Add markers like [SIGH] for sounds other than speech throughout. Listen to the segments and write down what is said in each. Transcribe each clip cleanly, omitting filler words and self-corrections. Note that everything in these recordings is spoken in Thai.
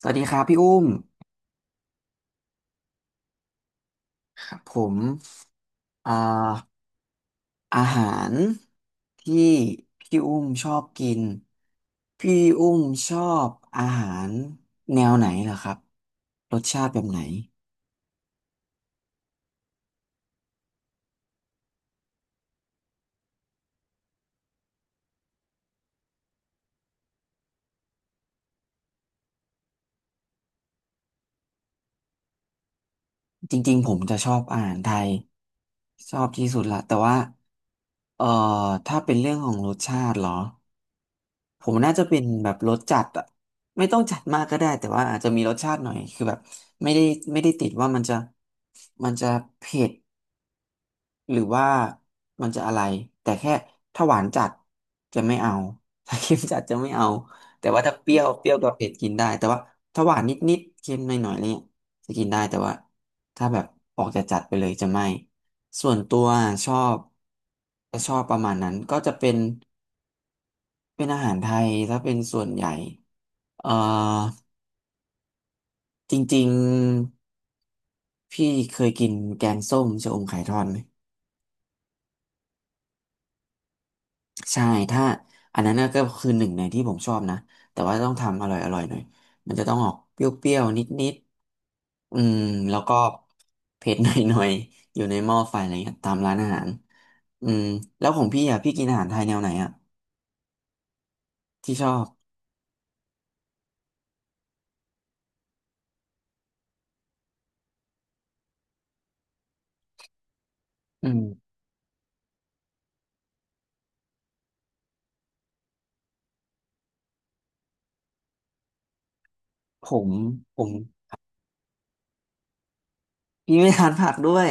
สวัสดีครับพี่อุ้มครับผมอ่าอาหารที่พี่อุ้มชอบกินพี่อุ้มชอบอาหารแนวไหนเหรอครับรสชาติแบบไหนจริงๆผมจะชอบอาหารไทยชอบที่สุดละแต่ว่าเอ่อถ้าเป็นเรื่องของรสชาติเหรอผมน่าจะเป็นแบบรสจัดอะไม่ต้องจัดมากก็ได้แต่ว่าอาจจะมีรสชาติหน่อยคือแบบไม่ได้ไม่ได้ติดว่ามันจะมันจะเผ็ด หรือว่ามันจะอะไรแต่แค่ถ้าหวานจัดจะไม่เอา [LAUGHS] ถ้าเค็มจัดจะไม่เอาแต่ว่าถ้าเปรี้ยวกับเผ็ดกินได้แต่ว่าถ้าหวานนิดๆเค็มหน่อยๆอะไรเงี้ยจะกินได้แต่ว่าถ้าแบบออกจะจัดไปเลยจะไม่ส่วนตัวชอบจะชอบประมาณนั้นก็จะเป็นเป็นอาหารไทยถ้าเป็นส่วนใหญ่เอ่อจริงๆพี่เคยกินแกงส้มชะอมไข่ทอดไหม ใช่ถ้าอันนั้นน่ะก็คือหนึ่งในที่ผมชอบนะแต่ว่าต้องทำอร่อยหน่อยมันจะต้องออกเปรี้ยวๆนิดๆอืมแล้วก็เผ็ดหน่อยๆอยู่ในหม้อไฟอะไรเงี้ยตามร้านอาหารอืมแล้วของพี่อ่ะพี่กินอาหารไทยแนวไหนอ่ะที่ชอบอืมผมผมพี่ไม่ทานผักด้วย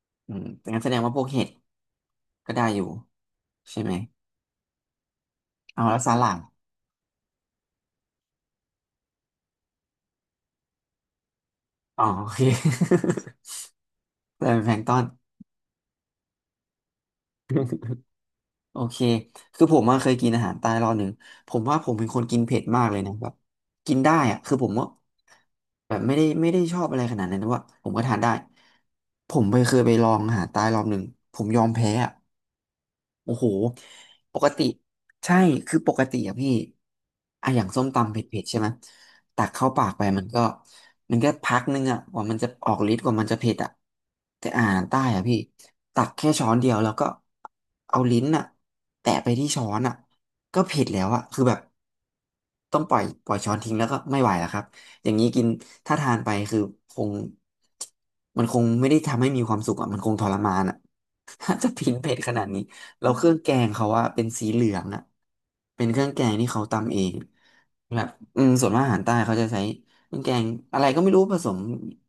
[LAUGHS] อืมงั้นแสดงว่าพวกเห็ดก็ได้อยู่ใช่ไหมเอาแล้วสลัดอ๋อโอเค [LAUGHS] แต่เป็นแพลงก์ตอน โอเคคือผมอะเคยกินอาหารใต้รอบหนึ่งผมว่าผมเป็นคนกินเผ็ดมากเลยนะแบบกินได้อะคือผมว่าแบบไม่ได้ชอบอะไรขนาดนั้นแต่ว่าผมก็ทานได้ ผมไปเคยไปลองอาหารใต้รอบหนึ่ง ผมยอมแพ้อะ โอ้โห ปกติใช่ คือปกติอะพี่อะอย่างส้มตำเผ็ดๆใช่ไหมตักเข้าปากไปมันก็มันก็พักนึงอะกว่ามันจะออกฤทธิ์กว่ามันจะเผ็ดอะแต่อาหารใต้อะพี่ ตักแค่ช้อนเดียวแล้วก็เอาลิ้นอะแตะไปที่ช้อนอะก็เผ็ดแล้วอะคือแบบ ต้องปล่อยช้อนทิ้งแล้วก็ไม่ไหวแล้วครับอย่างนี้กินถ้าทานไปคือคงมันคงไม่ได้ทำให้มีความสุขอ่ะมันคงทรมานอ่ะ [LAUGHS] ถ้าจะพินเผ็ดขนาดนี้แล้วเครื่องแกงเขาว่าเป็นสีเหลืองอ่ะเป็นเครื่องแกงที่เขาตำเองแบบอืมส่วนมากอาหารใต้เขาจะใช้เครื่องแกงอะไรก็ไม่รู้ผสม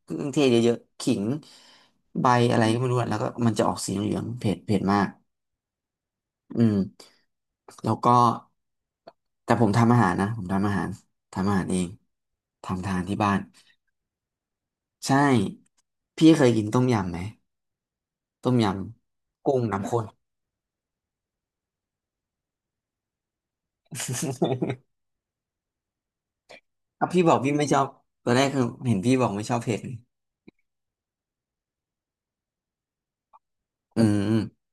เครื่องเทศเยอะๆขิงใบอะไรก็ไม่รู้อะแล้วก็มันจะออกสีเหลืองๆเผ็ดมาก อืมแล้วก็แต่ผมทำอาหารนะผมทำอาหารทำอาหารเองทำทานที่บ้านใช่พี่เคยกินต้มยำไหมต้มยำกุ้งน้ำข้น [LAUGHS] ถ้าพี่บอกพี่ไม่ชอบตอนแรกคือเห็นพี่บอกไม่ชอบเผ็ดไงอืม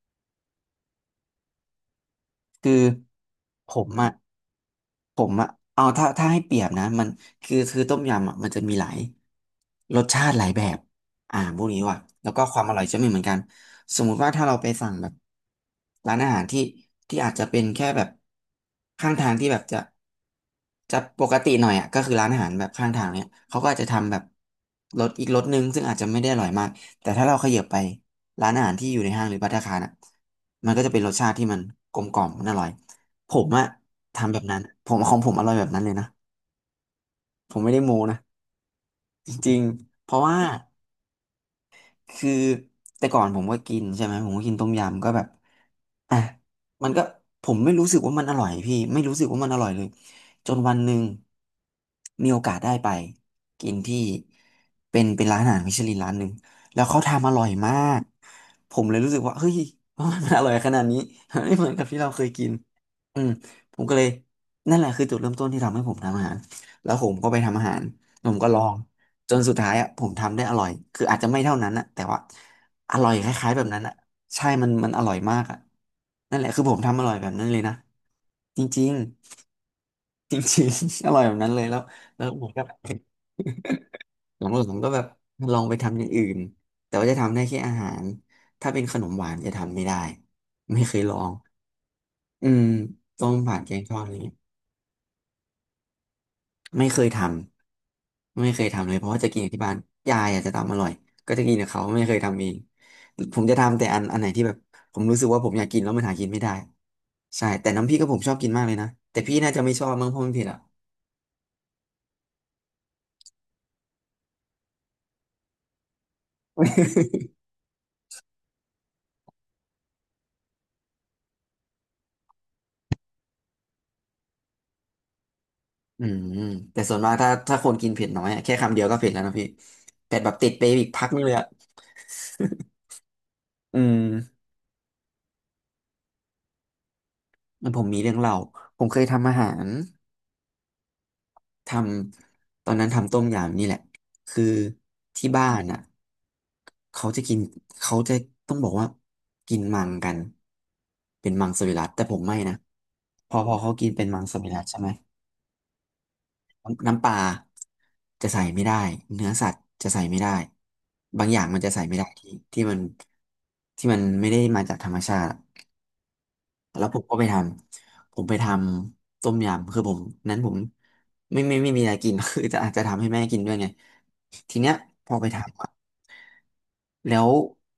คือผมอ่ะผมอ่ะเอาถ้าถ้าให้เปรียบนะมันคือต้มยำอ่ะมันจะมีหลายรสชาติหลายแบบอ่าพวกนี้ว่ะแล้วก็ความอร่อยจะไม่เหมือนกันสมมุติว่าถ้าเราไปสั่งแบบร้านอาหารที่อาจจะเป็นแค่แบบข้างทางที่แบบจะปกติหน่อยอ่ะก็คือร้านอาหารแบบข้างทางเนี่ยเขาก็อาจจะทำแบบรสอีกรสหนึงซึ่งอาจจะไม่ได้อร่อยมากแต่ถ้าเราเขยับไป ร้านอาหารที่อยู่ในห้างหรือภัตตาคารอ่ะมันก็จะเป็นรสชาติที่มันกลมกล่อมมันอร่อย ผมอะทำแบบนั้นผมของผมอร่อยแบบนั้นเลยนะ ผมไม่ได้โม้นะจริงๆเพราะว่า คือแต่ก่อนผมก็กินใช่ไหมผมก็กินต้มยำก็แบบอ่ะมันก็ผมไม่รู้สึกว่ามันอร่อยพี่ไม่รู้สึกว่ามันอร่อยเลยจนวันหนึ่งมีโอกาสได้ไปกินที่เป็นเป็นร้านอาหารมิชลินร้านหนึ่งแล้วเขาทำอร่อยมากผมเลยรู้สึกว่าเฮ้ยมันอร่อยขนาดนี้ [LAUGHS] ไม่เหมือนกับที่เราเคยกินอืมผมก็เลยนั่นแหละคือจุดเริ่มต้นที่ทำให้ผมทำอาหารแล้วผมก็ไปทำอาหาร ผมก็ลองจนสุดท้ายอ่ะผมทำได้อร่อยคืออาจจะไม่เท่านั้นอะแต่ว่าอร่อยคล้ายๆแบบนั้นอะใช่มันอร่อยมากอะนั่นแหละคือผมทำอร่อยแบบนั้นเลยนะจริง [LAUGHS] ๆจริงๆ [LAUGHS] อร่อยแบบนั้นเลยแล้วแล้วผมก็หลังๆ [LAUGHS] ผมก็แบบลองไปทำอย่างอื่นแต่ว่าจะทำได้แค่อาหารถ้าเป็นขนมหวานจะทำไม่ได้ไม่เคยลองอืมต้มผัดแกงทอดอะไรอย่างเงี้ย ไม่เคยทำไม่เคยทำเลยเพราะว่าจะกินกับที่บ้านยายอาจจะทำอร่อยก็จะกินกับเขาไม่เคยทำเองผมจะทำแต่อันไหนที่แบบผมรู้สึกว่าผมอยากกินแล้วมันหากินไม่ได้ใช่แต่น้ำพริกก็ผมชอบกินมากเลยนะแต่พี่น่าจะไม่ชอบมั้งเพราะมันเผ็ดอ่ะ [LAUGHS] อืมแต่ส่วนมากถ้าคนกินเผ็ดน้อยอะแค่คำเดียวก็เผ็ดแล้วนะพี่เผ็ดแบบติดไปอีกพักนึงเลยอ่ะอืมมันผมมีเรื่องเล่าผมเคยทำอาหาร ทำตอนนั้นทำต้มยำนี่แหละคือที่บ้านอ่ะเขาจะกินเขาจะต้องบอกว่ากินมังกันเป็นมังสวิรัติแต่ผมไม่นะพอเขากินเป็นมังสวิรัติใช่ไหมน้ำปลาจะใส่ไม่ได้เนื้อสัตว์จะใส่ไม่ได้บางอย่างมันจะใส่ไม่ได้ที่มันที่มันไม่ได้มาจากธรรมชาติ แล้วผมก็ไปทำผมไปทำต้มยำคือผมนั้นผมไม่ไม่ไม่ไมมีอะไรกิน [LAUGHS] คือจะอาจจะทำให้แม่กินด้วยไงทีเนี้ยพอไปทำอะแล้ว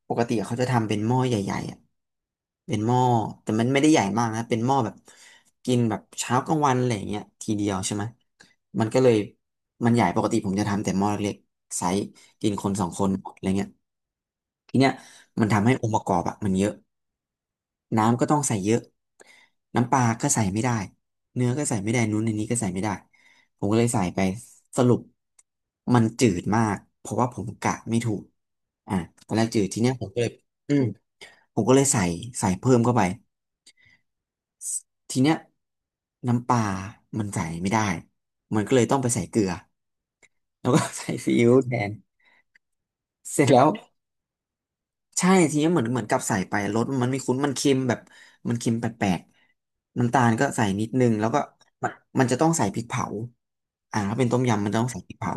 ปกติเขาจะทำเป็นหม้อใหญ่ๆอะเป็นหม้อแต่มันไม่ได้ใหญ่มากนะเป็นหม้อแบบกินแบบเช้ากลางวันอะไรอย่างเงี้ยทีเดียวใช่ไหมมันก็เลยมันใหญ่ปกติผมจะทำแต่หม้อเล็กๆไซส์กินคนสองคนอะไรเงี้ย ทีเนี้ยมันทำให้องค์ประกอบอะมันเยอะน้ำก็ต้องใส่เยอะน้ำปลาก็ใส่ไม่ได้เนื้อก็ใส่ไม่ได้นู้นในนี้ก็ใส่ไม่ได้ผมก็เลยใส่ไปสรุปมันจืดมากเพราะว่าผมกะไม่ถูกอ่ะตอนแรกจืดทีเนี้ยผมก็เลยอืมผมก็เลยใส่ใส่เพิ่มเข้าไปทีเนี้ยน้ำปลามันใส่ไม่ได้มันก็เลยต้องไปใส่เกลือแล้วก็ [LAUGHS] ใส่ซีอิ๊วแทนเสร็จแล้ว ใช่ทีนี้เหมือนกับใส่ไปรสมันไม่คุ้นมันเค็มแบบมันเค็มแปลกๆน้ำตาลก็ใส่นิดนึงแล้วก็มันมันจะต้องใส่พริกเผาอ่าถ้าเป็นต้มยำมันต้องใส่พริกเผา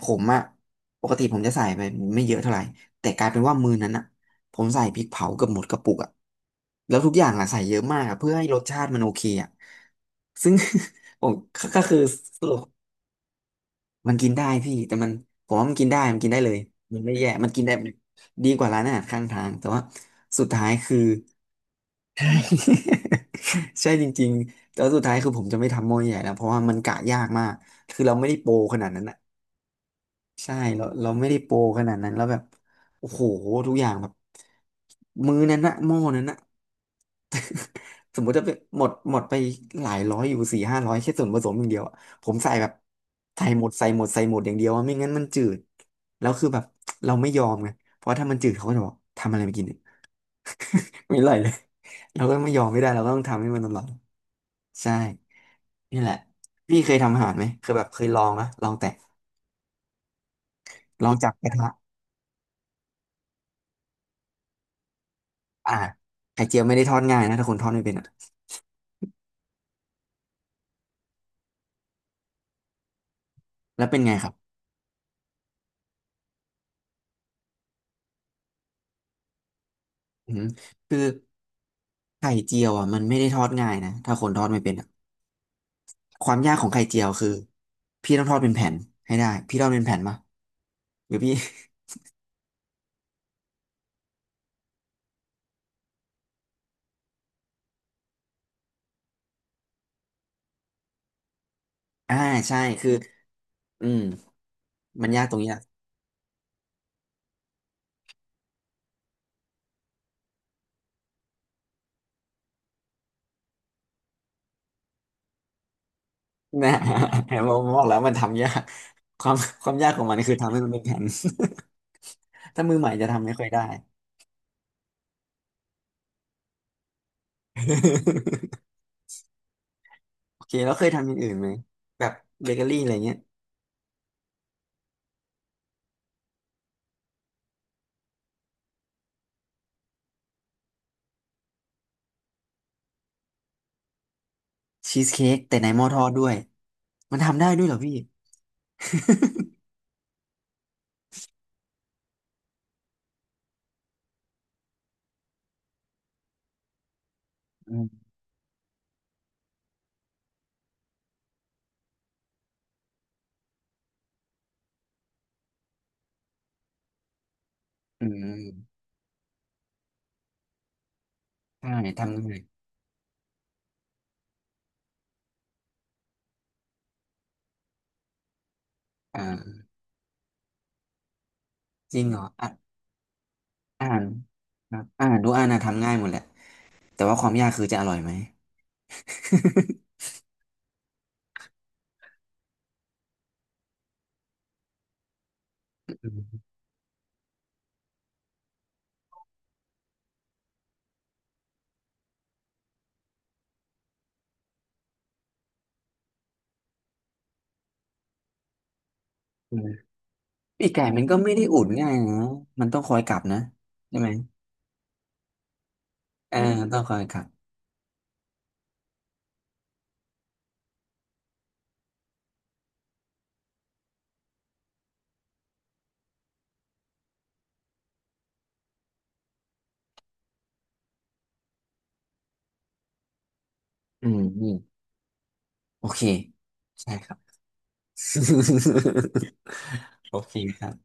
ผมอะปกติผมจะใส่ไปไม่เยอะเท่าไหร่แต่กลายเป็นว่ามื้อนั้นอะผมใส่พริกเผาเกือบหมดกระปุกอะแล้วทุกอย่างอะใส่เยอะมากอะเพื่อให้รสชาติมันโอเคอะซึ่ง [LAUGHS] ผมก็ก็คือ มันกินได้พี่แต่มันผมว่ามันกินได้มันกินได้เลยมันไม่แย่มันกินได้ดีกว่าร้านอาหารข้างทางแต่ว่าสุดท้ายคือ [LAUGHS] ใช่ [LAUGHS] ใช่จริงๆแต่ว่าสุดท้ายคือผมจะไม่ทำหม้อใหญ่แล้วเพราะว่ามันกะยากมากคือเราไม่ได้โปรขนาดนั้นอะใช่เราไม่ได้โปรขนาดนั้นแล้วแบบโอ้โหทุกอย่างแบบมื้อนั้นนะหม้อนั้นนะ สมมุติจะเป็นหมดไปหลายร้อยอยู่สี่ห้าร้อยแค่ส่วนผสมอย่างเดียวอะผมใส่แบบใส่หมดใส่หมดใส่หมดอย่างเดียวอะไม่งั้นมันจืดแล้วคือแบบเราไม่ยอมไงเพราะถ้ามันจืดเขาก็จะบอกทำอะไรไม่กินเนี่ยไม่อร่อยเลย [LAUGHS] เราก็ไม่ยอมไม่ได้เราก็ต้องทำให้มันอร่อยใช่นี่แหละพี่เคยทำอาหารไหมเคยแบบเคยลองนะลองแต่ลองจากกระทะอ่าไข่เจียวไม่ได้ทอดง่ายนะถ้าคนทอดไม่เป็นอะแล้วเป็นไงครับอืมคือไข่เจียวอ่ะมันไม่ได้ทอดง่ายนะถ้าคนทอดไม่เป็นอะ ความยากของไข่เจียวคือพี่ต้องทอดเป็นแผ่นให้ได้พี่ทอดเป็นแผ่นปะหรือพี่ [LAUGHS] อ่าใช่คืออืมมันยากตรงเนี้ยนะ [LAUGHS] ผมบอกแล้วมันทำยากความความยากของมันคือทำให้มันเป็นแผ่น [LAUGHS] ถ้ามือใหม่จะทำไม่ค่อยได้ [LAUGHS] โอเคแล้วเคยทำอย่างอื่นไหมแบบเบเกอรี่อะไรเงี้ยชีสเค้กแต่ในหม้อทอดด้วยมันทำได้ด้วยเหรอพี่ [LAUGHS] อืมอืมใช่ทำง่ายอ่าจริงเหรอ อาหารครับอาหารทุกอันนะทำง่ายหมดแหละแต่ว่าความยากคือจะอร่อยไหม [LAUGHS] อืมอืม [LAUGHS] ปีกไก่มันก็ไม่ได้อุ่นง่ายนะมันต้องคอยกลับนะใช่ไหมเอออต้องคอยกลับอืมอืมโอเคใช่ครับ [LAUGHS] โอเคครับ